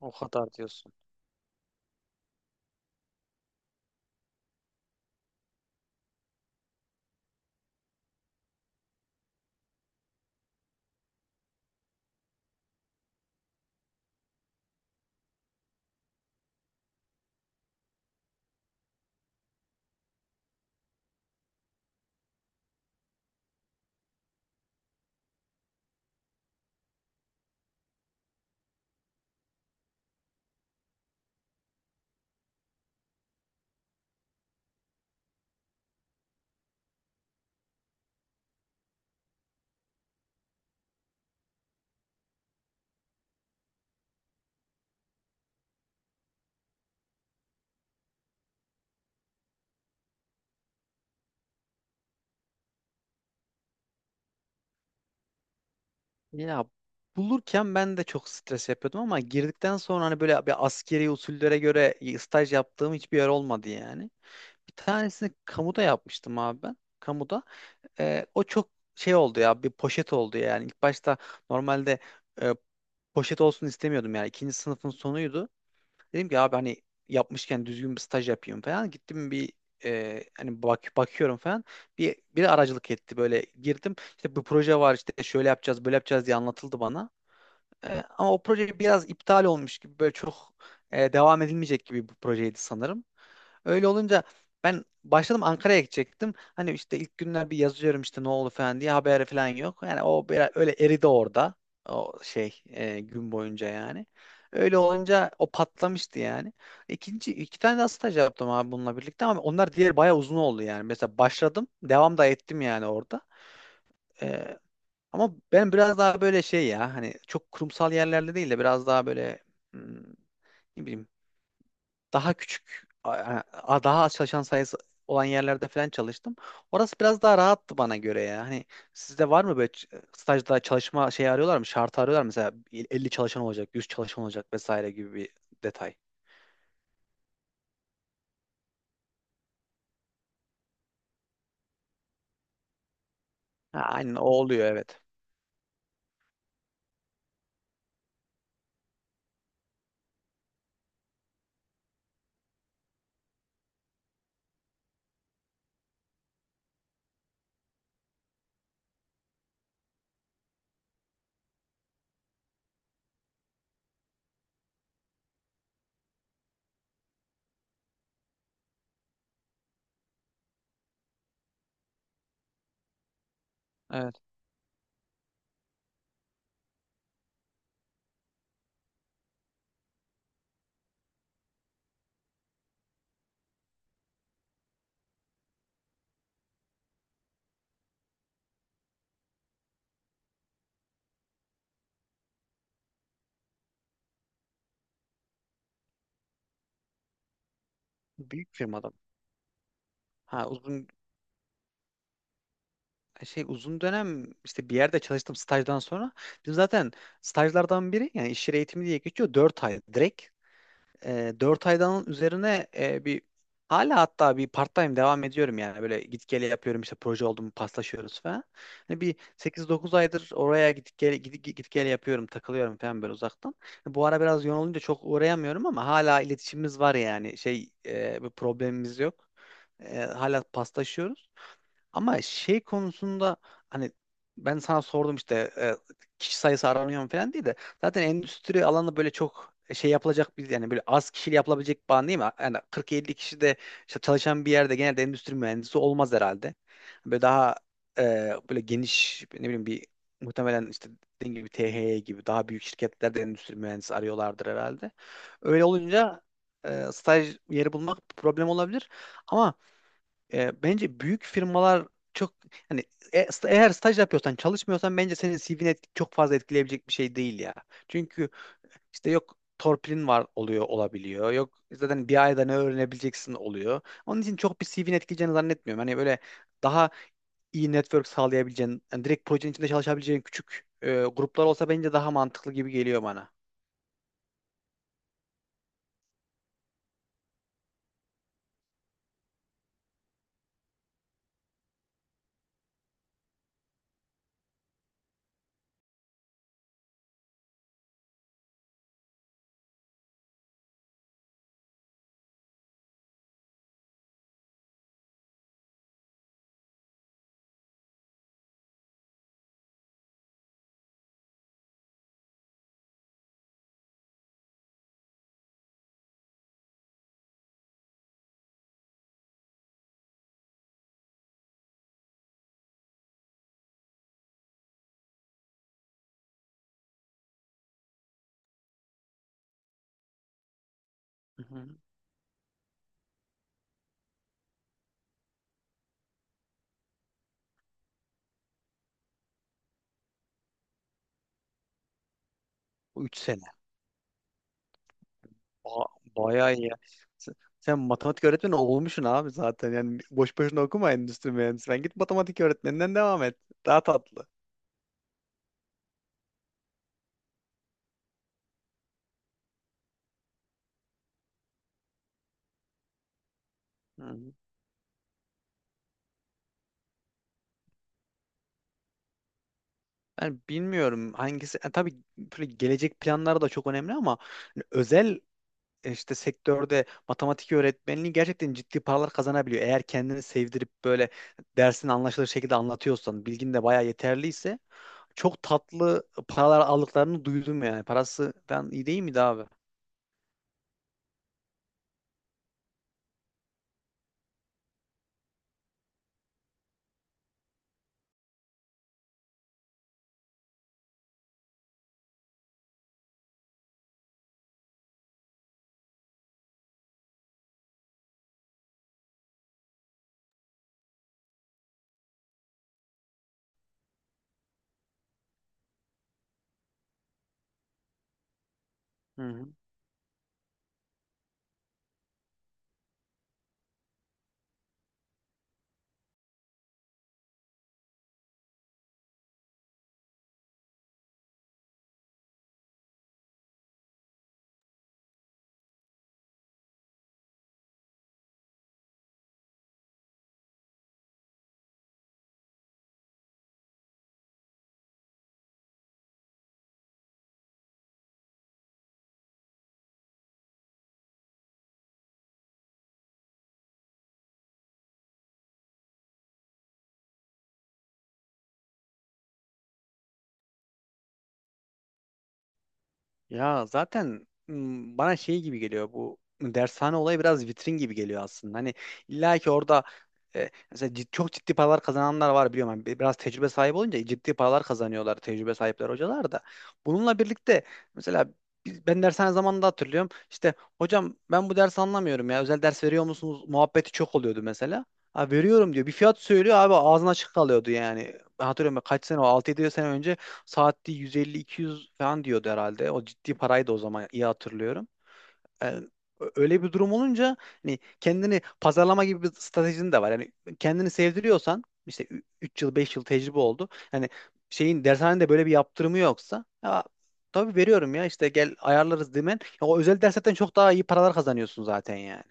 O kadar diyorsun. Ya bulurken ben de çok stres yapıyordum ama girdikten sonra hani böyle bir askeri usullere göre staj yaptığım hiçbir yer olmadı yani. Bir tanesini kamuda yapmıştım abi ben. Kamuda. O çok şey oldu ya bir poşet oldu yani. İlk başta normalde e, poşet olsun istemiyordum yani. İkinci sınıfın sonuydu. Dedim ki abi hani yapmışken düzgün bir staj yapayım falan. Gittim bir hani bakıyorum falan. Biri aracılık etti böyle girdim. İşte bu proje var işte şöyle yapacağız böyle yapacağız diye anlatıldı bana. Ama o proje biraz iptal olmuş gibi böyle çok devam edilmeyecek gibi bir projeydi sanırım. Öyle olunca ben başladım Ankara'ya gidecektim. Hani işte ilk günler bir yazıyorum işte ne oldu falan diye haberi falan yok. Yani o biraz öyle eridi orada. O şey gün boyunca yani. Öyle olunca o patlamıştı yani. İkinci iki tane daha staj yaptım abi bununla birlikte ama onlar diğer bayağı uzun oldu yani. Mesela başladım, devam da ettim yani orada. Ama ben biraz daha böyle şey ya hani çok kurumsal yerlerde değil de biraz daha böyle hmm, ne bileyim daha küçük daha az çalışan sayısı olan yerlerde falan çalıştım. Orası biraz daha rahattı bana göre ya. Hani sizde var mı böyle stajda çalışma şeyi arıyorlar mı? Şartı arıyorlar mı? Mesela 50 çalışan olacak, 100 çalışan olacak vesaire gibi bir detay. Ha, aynen o oluyor evet. Evet. Büyük firmada mı? Ha, uzun dönem işte bir yerde çalıştım stajdan sonra. Bizim zaten stajlardan biri yani iş yeri eğitimi diye geçiyor 4 ay direkt. 4 aydan üzerine bir hala hatta bir part time devam ediyorum yani böyle git gele yapıyorum işte proje oldu mu paslaşıyoruz falan. Hani bir 8-9 aydır oraya git gele, git gele yapıyorum takılıyorum falan böyle uzaktan. Bu ara biraz yoğun olunca çok uğrayamıyorum ama hala iletişimimiz var yani şey bir problemimiz yok. Hala paslaşıyoruz. Ama şey konusunda hani ben sana sordum işte kişi sayısı aranıyor mu falan diye de zaten endüstri alanı böyle çok şey yapılacak bir yani böyle az kişiyle yapılabilecek bir alan değil mi? Yani 40-50 kişi de işte çalışan bir yerde genelde endüstri mühendisi olmaz herhalde. Böyle daha böyle geniş ne bileyim bir muhtemelen işte dediğim gibi THY gibi daha büyük şirketlerde endüstri mühendisi arıyorlardır herhalde. Öyle olunca staj yeri bulmak problem olabilir. Ama bence büyük firmalar çok hani eğer staj yapıyorsan çalışmıyorsan bence senin CV'ni çok fazla etkileyebilecek bir şey değil ya. Çünkü işte yok torpilin var oluyor olabiliyor. Yok zaten bir ayda ne öğrenebileceksin oluyor. Onun için çok bir CV'ni etkileyeceğini zannetmiyorum. Hani böyle daha iyi network sağlayabileceğin, yani direkt projenin içinde çalışabileceğin küçük gruplar olsa bence daha mantıklı gibi geliyor bana. Hı hı. 3. Ba- Bayağı iyi ya. Sen, sen matematik öğretmeni olmuşsun abi zaten. Yani boş boşuna okuma endüstri mühendisi. Ben git matematik öğretmeninden devam et. Daha tatlı. Hı hı. Ben bilmiyorum hangisi. Tabii böyle gelecek planları da çok önemli ama hani özel işte sektörde matematik öğretmenliği gerçekten ciddi paralar kazanabiliyor. Eğer kendini sevdirip böyle dersini anlaşılır şekilde anlatıyorsan, bilgin de bayağı yeterliyse çok tatlı paralar aldıklarını duydum yani. Parası falan iyi değil miydi abi? Hı hı. Ya zaten bana şey gibi geliyor bu dershane olayı biraz vitrin gibi geliyor aslında. Hani illa ki orada mesela çok ciddi paralar kazananlar var biliyorum. Hani biraz tecrübe sahibi olunca ciddi paralar kazanıyorlar tecrübe sahipler hocalar da. Bununla birlikte mesela ben dershane zamanında hatırlıyorum. İşte hocam ben bu dersi anlamıyorum ya özel ders veriyor musunuz muhabbeti çok oluyordu mesela. Ha, veriyorum diyor. Bir fiyat söylüyor abi ağzına açık kalıyordu yani. Ben hatırlıyorum kaç sene o 6 yedi sene önce saatte 150-200 falan diyordu herhalde. O ciddi paraydı o zaman iyi hatırlıyorum. Yani öyle bir durum olunca hani kendini pazarlama gibi bir stratejin de var. Yani kendini sevdiriyorsan işte 3 yıl 5 yıl tecrübe oldu. Hani şeyin dershanede böyle bir yaptırımı yoksa ya, tabii veriyorum ya işte gel ayarlarız demen. Ya o özel derslerden çok daha iyi paralar kazanıyorsun zaten yani.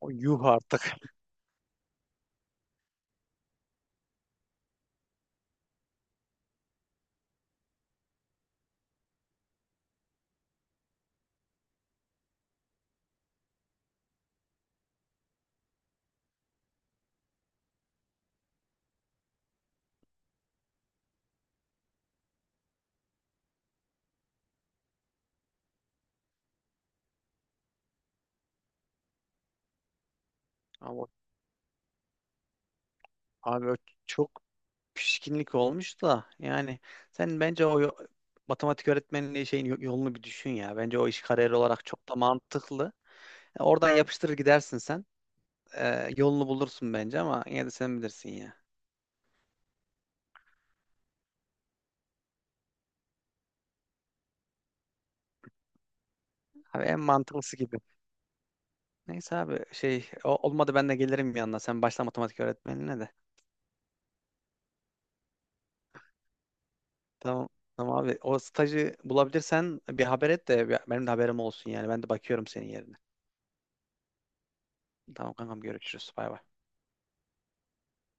O yuh artık. Ama abi o çok pişkinlik olmuş da yani sen bence o matematik öğretmenliği şeyin yolunu bir düşün ya. Bence o iş kariyer olarak çok da mantıklı. Oradan yapıştırır gidersin sen. Yolunu bulursun bence ama yine de sen bilirsin ya. Abi en mantıklısı gibi. Neyse abi şey olmadı ben de gelirim yanına. Sen başla matematik öğretmenliğine de. Tamam. Tamam abi o stajı bulabilirsen bir haber et de benim de haberim olsun yani. Ben de bakıyorum senin yerine. Tamam kankam görüşürüz. Bay bay.